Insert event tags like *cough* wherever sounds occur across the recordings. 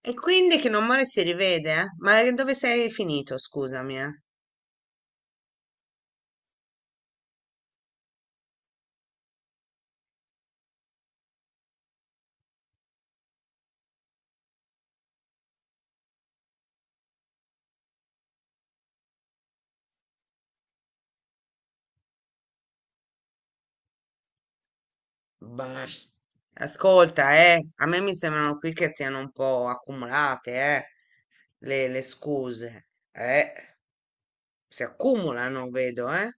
E quindi che non muore si rivede, eh? Ma dove sei finito, scusami, eh? Bah. Ascolta, a me mi sembrano qui che siano un po' accumulate, le scuse, si accumulano, vedo, eh.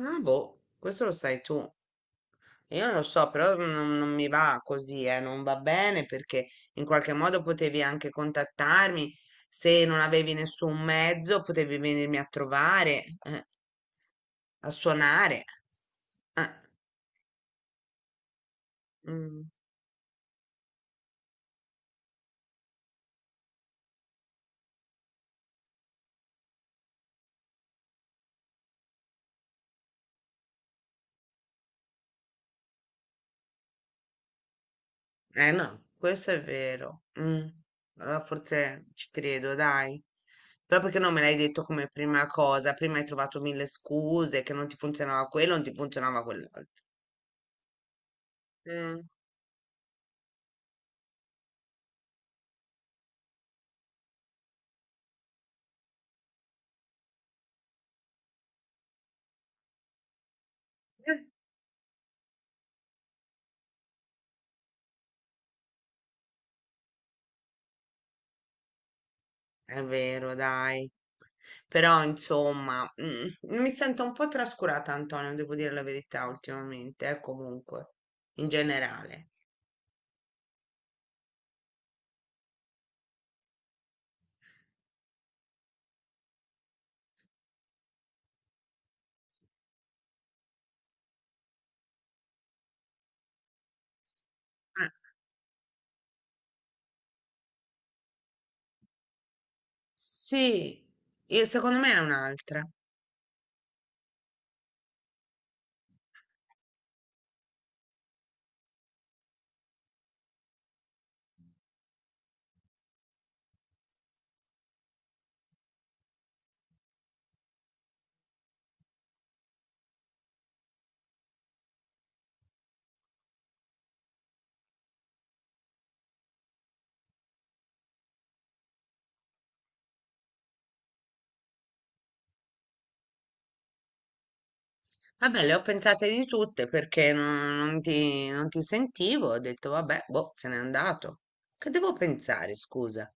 Ah, boh, questo lo sai tu. Io non lo so, però non mi va così, non va bene perché in qualche modo potevi anche contattarmi, se non avevi nessun mezzo potevi venirmi a trovare. A suonare. Ah, mm. Eh no, questo è vero. Mm. Allora forse ci credo, dai. Però perché non me l'hai detto come prima cosa? Prima hai trovato mille scuse, che non ti funzionava quello, non ti funzionava quell'altro. Mm. Eh. È vero, dai. Però insomma, mi sento un po' trascurata, Antonio, devo dire la verità ultimamente, comunque, in generale. Ah, sì, secondo me è un'altra. Vabbè, le ho pensate di tutte perché non ti sentivo. Ho detto, vabbè, boh, se n'è andato. Che devo pensare, scusa?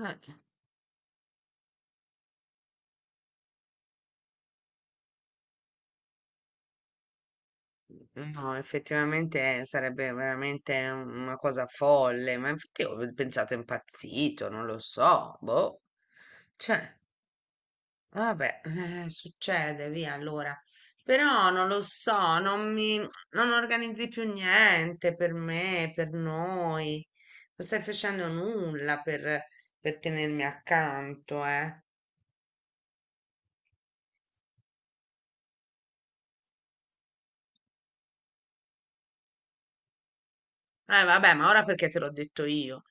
Eh, No, effettivamente sarebbe veramente una cosa folle, ma infatti ho pensato è impazzito, non lo so, boh. Cioè. Vabbè, succede, via allora. Però non lo so, non organizzi più niente per me, per noi. Non stai facendo nulla per tenermi accanto, eh. Vabbè, ma ora perché te l'ho detto io?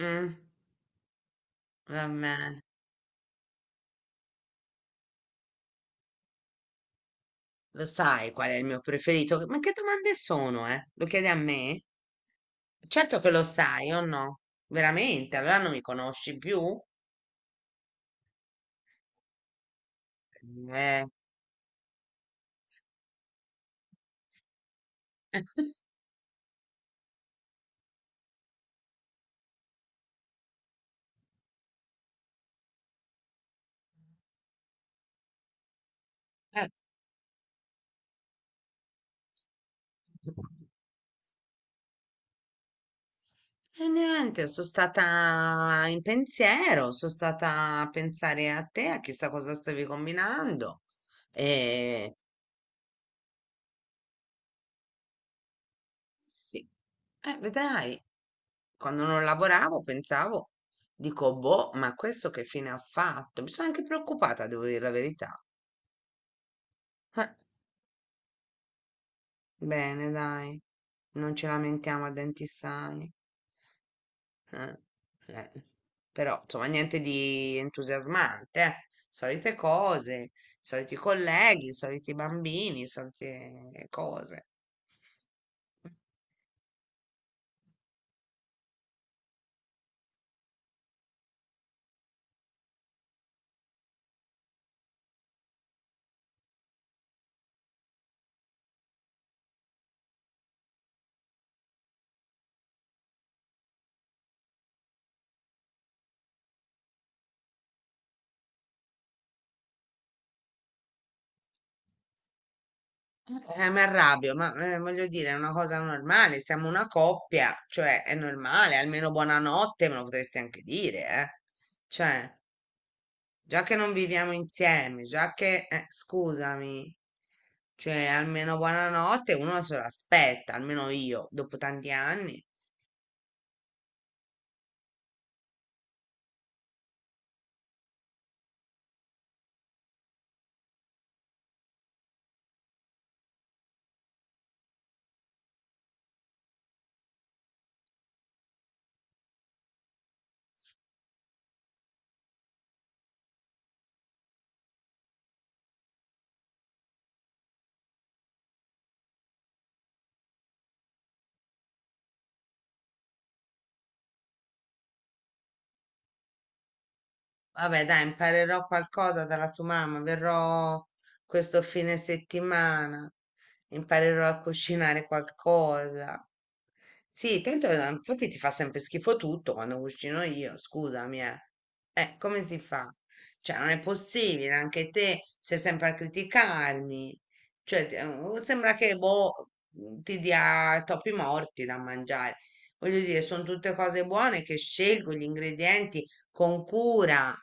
Mm, va bene. Lo sai qual è il mio preferito? Ma che domande sono, eh? Lo chiedi a me? Certo che lo sai, o no? Veramente? Allora non mi conosci più? Eh. *laughs* E niente, sono stata in pensiero, sono stata a pensare a te, a chissà cosa stavi combinando. E sì, vedrai, quando non lavoravo pensavo, dico, boh, ma questo che fine ha fatto? Mi sono anche preoccupata, devo dire la verità. Eh, bene, dai, non ci lamentiamo a denti sani. Eh, eh. Però, insomma, niente di entusiasmante, eh. Solite cose, soliti colleghi, soliti bambini, solite cose. Mi arrabbio, ma voglio dire, è una cosa normale, siamo una coppia, cioè è normale, almeno buonanotte me lo potresti anche dire, eh. Cioè, già che non viviamo insieme, già che, scusami, cioè almeno buonanotte uno se lo aspetta, almeno io, dopo tanti anni. Vabbè, dai, imparerò qualcosa dalla tua mamma. Verrò questo fine settimana. Imparerò a cucinare qualcosa. Sì, tanto infatti ti fa sempre schifo tutto quando cucino io, scusami, eh. Come si fa? Cioè, non è possibile, anche te sei sempre a criticarmi. Cioè, sembra che boh, ti dia topi morti da mangiare. Voglio dire, sono tutte cose buone che scelgo gli ingredienti con cura.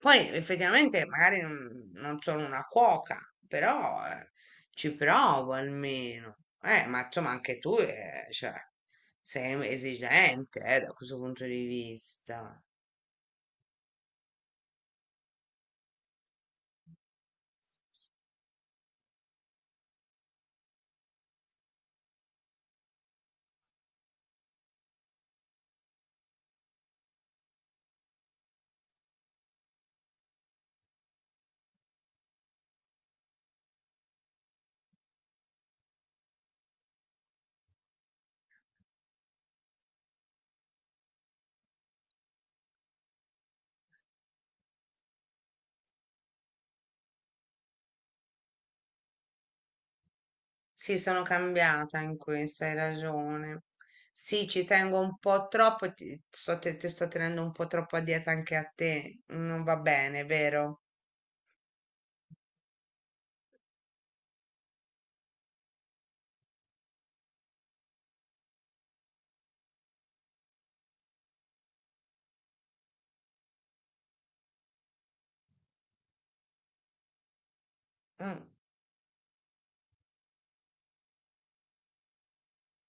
Poi effettivamente magari non sono una cuoca, però ci provo almeno. Ma insomma anche tu cioè, sei esigente da questo punto di vista. Sì, sono cambiata in questo, hai ragione. Sì, ci tengo un po' troppo e ti sto tenendo un po' troppo a dieta anche a te. Non va bene, vero? Mm.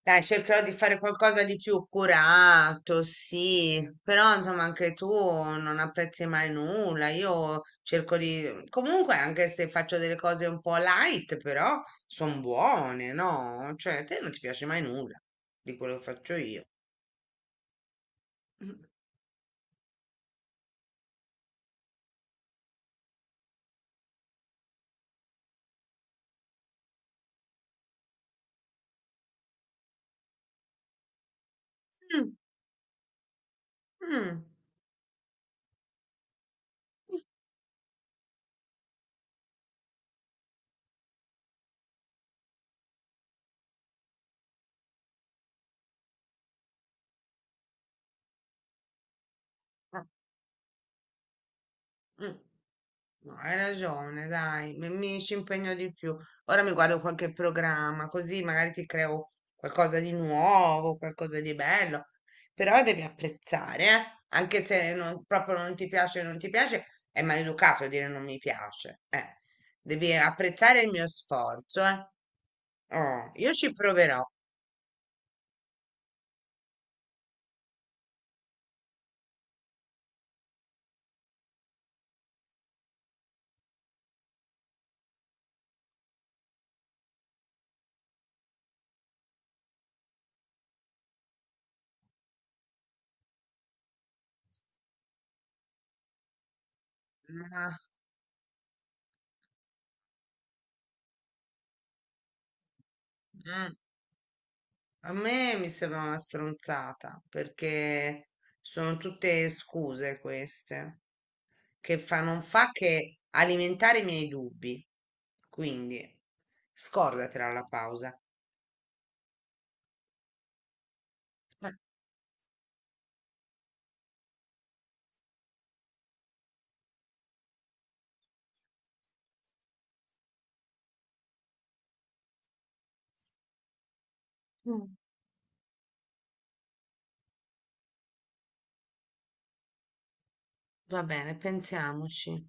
Dai, cercherò di fare qualcosa di più curato, sì, però insomma anche tu non apprezzi mai nulla, io cerco di. Comunque anche se faccio delle cose un po' light, però sono buone, no? Cioè, a te non ti piace mai nulla di quello che faccio io. Mm. Mm. Mm. No, hai ragione, dai, mi ci impegno di più. Ora mi guardo qualche programma, così magari ti creo qualcosa di nuovo, qualcosa di bello. Però devi apprezzare, eh? Anche se proprio non ti piace, non ti piace, è maleducato dire non mi piace. Devi apprezzare il mio sforzo, eh? Oh, io ci proverò. Ma mm, a me mi sembra una stronzata, perché sono tutte scuse queste, non fa che alimentare i miei dubbi. Quindi, scordatela la pausa. Eh, mm, Va bene, pensiamoci.